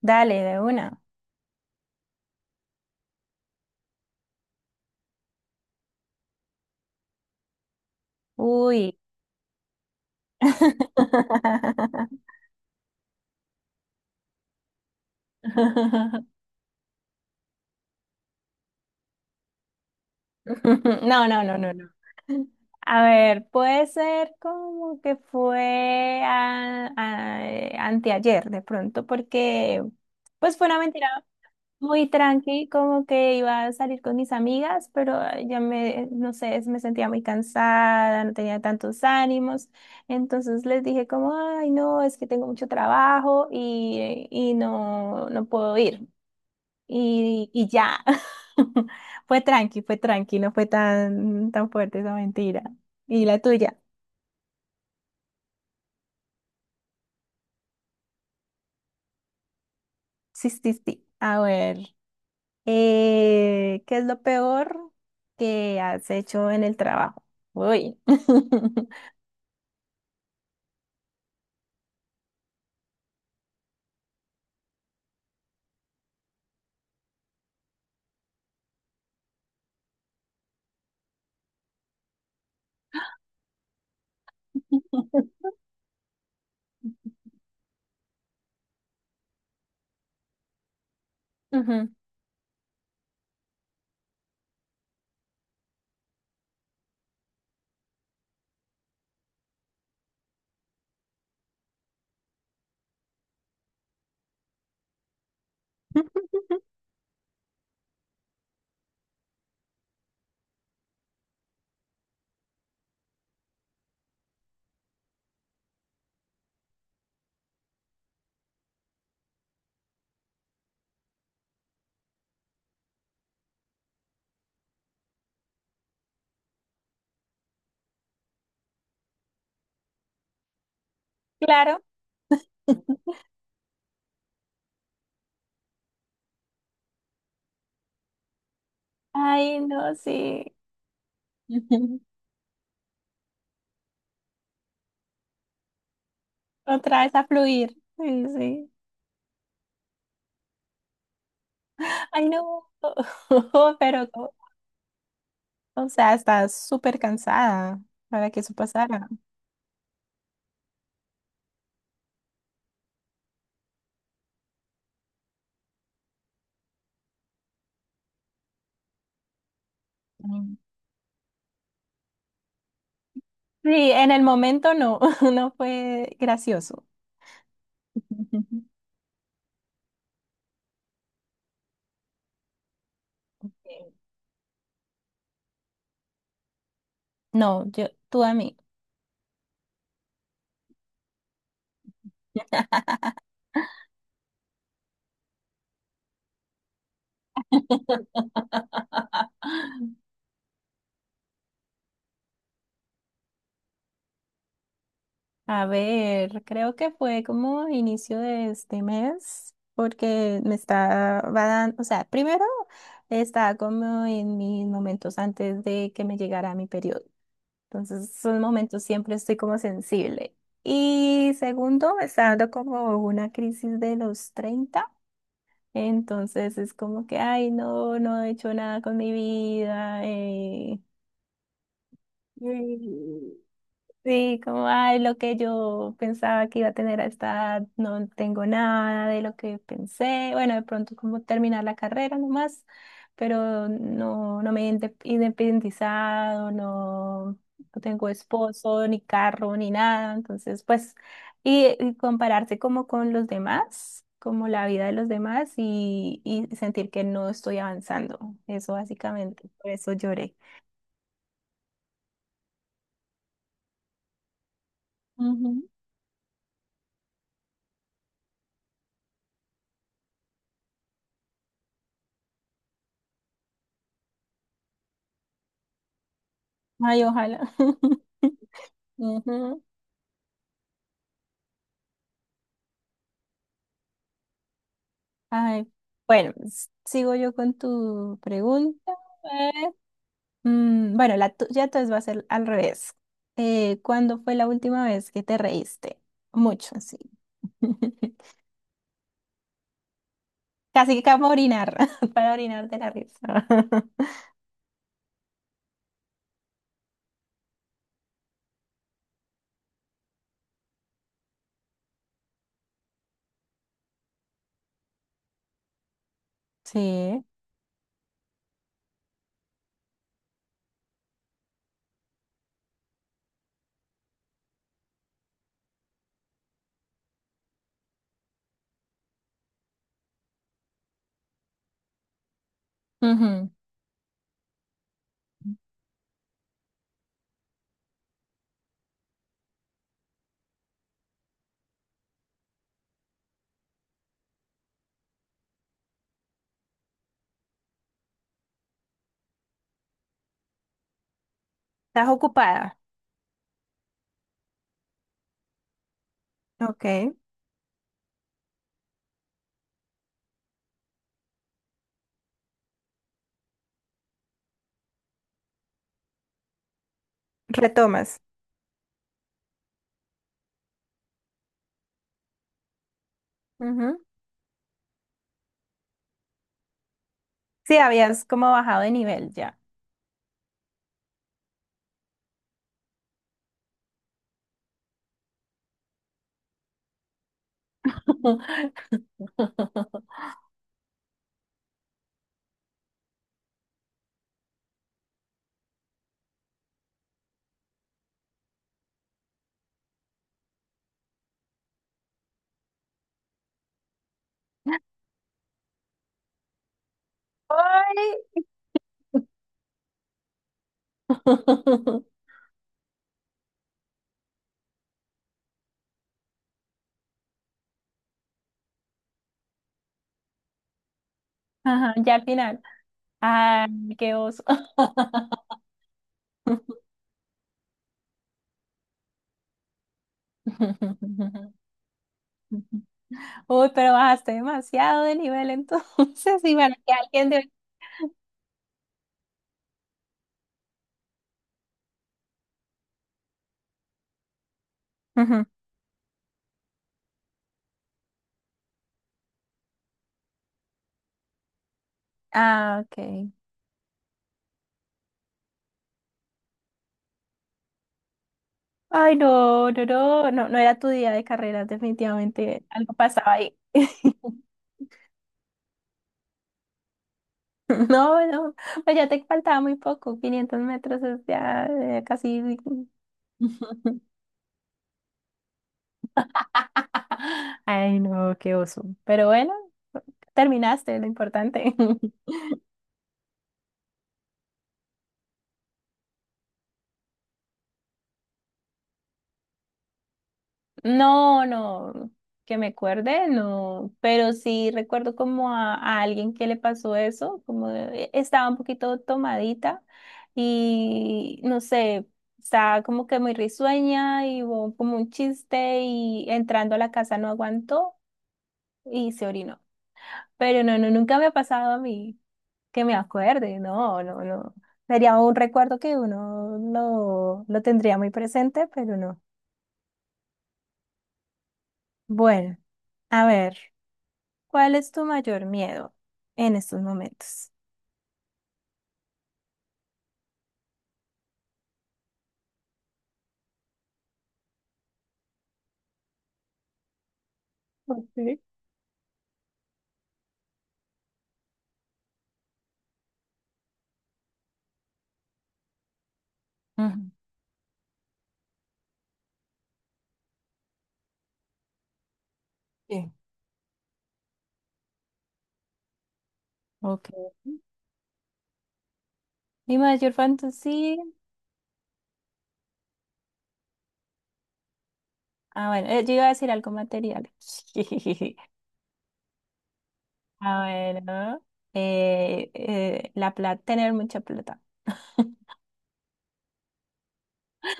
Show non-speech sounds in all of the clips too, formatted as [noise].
Dale, de una. Uy. [laughs] No, no, no, no, no. A ver, puede ser como que fue anteayer de pronto, porque pues fue una mentira muy tranqui, como que iba a salir con mis amigas, pero ya me, no sé, me sentía muy cansada, no tenía tantos ánimos, entonces les dije como, ay, no, es que tengo mucho trabajo y no, no puedo ir. Y, y ya. [laughs] Fue tranqui, no fue tan, tan fuerte esa mentira. ¿Y la tuya? Sí, sí, sí. A ver, ¿qué es lo peor que has hecho en el trabajo? Uy. [laughs] Ujú. Claro. Ay, no, sí. [laughs] Ujú. Otra vez a fluir. Sí, sí. Ay, no. [laughs] Pero, o sea, estás súper cansada para que eso pasara. Mm. Sí, en el momento no, [laughs] no fue gracioso. [laughs] No, yo, tú a mí. A ver, creo que fue como inicio de este mes, porque me estaba dando, o sea, primero estaba como en mis momentos antes de que me llegara mi periodo. Entonces, esos momentos siempre estoy como sensible. Y segundo, me está dando como una crisis de los 30. Entonces es como que, ay, no, no he hecho nada con mi vida. Eh, mm, sí, como, ay, lo que yo pensaba que iba a tener a esta edad, no tengo nada de lo que pensé. Bueno, de pronto como terminar la carrera nomás, pero no, no me he independizado, no, no tengo esposo, ni carro, ni nada. Entonces, pues, y compararse como con los demás, como la vida de los demás y sentir que no estoy avanzando. Eso básicamente, por eso lloré. Ujú. Ay, ojalá. [laughs] Ujú. Ay, bueno, sigo yo con tu pregunta. A ver. Mm, bueno, la tuya entonces va a ser al revés. ¿Cuándo fue la última vez que te reíste? Mucho, sí. [laughs] Casi que acabo de orinar, [laughs] para orinar de la risa. [laughs] Sí. Ujú. Estás ocupada. Ok. Retomas. Ujú. Sí, habías como bajado de nivel ya. [laughs] Ay. [laughs] Ajá, ya al final. Ay, qué oso. [laughs] [laughs] Uy, pero bajaste demasiado de nivel entonces, y bueno, que alguien de... Ujú. Ah, ok. Ay, no, no, no, no, no era tu día de carreras, definitivamente algo pasaba ahí. [laughs] No, no, pues ya te faltaba muy poco, 500 metros es ya casi... [laughs] Ay, no, qué oso. Pero bueno, terminaste, lo importante. [laughs] No, no, que me acuerde, no, pero sí recuerdo como a alguien que le pasó eso, estaba un poquito tomadita y no sé, estaba como que muy risueña y hubo como un chiste y entrando a la casa no aguantó y se orinó. Pero no, no, nunca me ha pasado a mí que me acuerde, no, no, no. Sería un recuerdo que uno lo tendría muy presente, pero no. Bueno, a ver. ¿Cuál es tu mayor miedo en estos momentos? Ok. Ujú. Bien. Ok. Mi mayor fantasía. Ah, bueno, yo iba a decir algo material. [laughs] Ah, bueno. Eh, la plata, tener mucha plata. [laughs]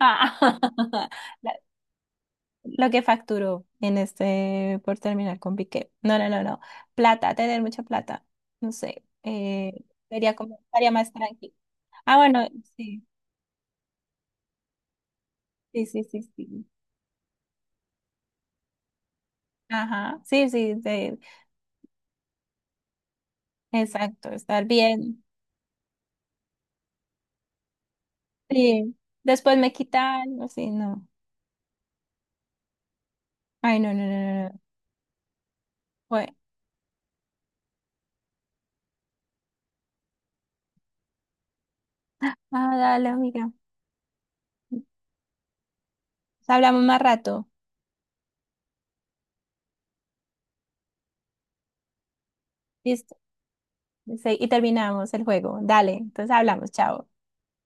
Ah, [laughs] la- lo que facturó en este por terminar con Piqué. No, no, no, no. Plata, tener mucha plata. No sé. Sería como, estaría más tranquila. Ah, bueno, sí, sí, sí, sí, sí. Ajá, sí, sí, exacto, estar bien. Sí, después me quita algo, sí, no. Ay, no, no, no, no. No. Bueno, ah, dale, amiga. Hablamos más rato. Listo. Sí, y terminamos el juego. Dale, entonces hablamos, chao.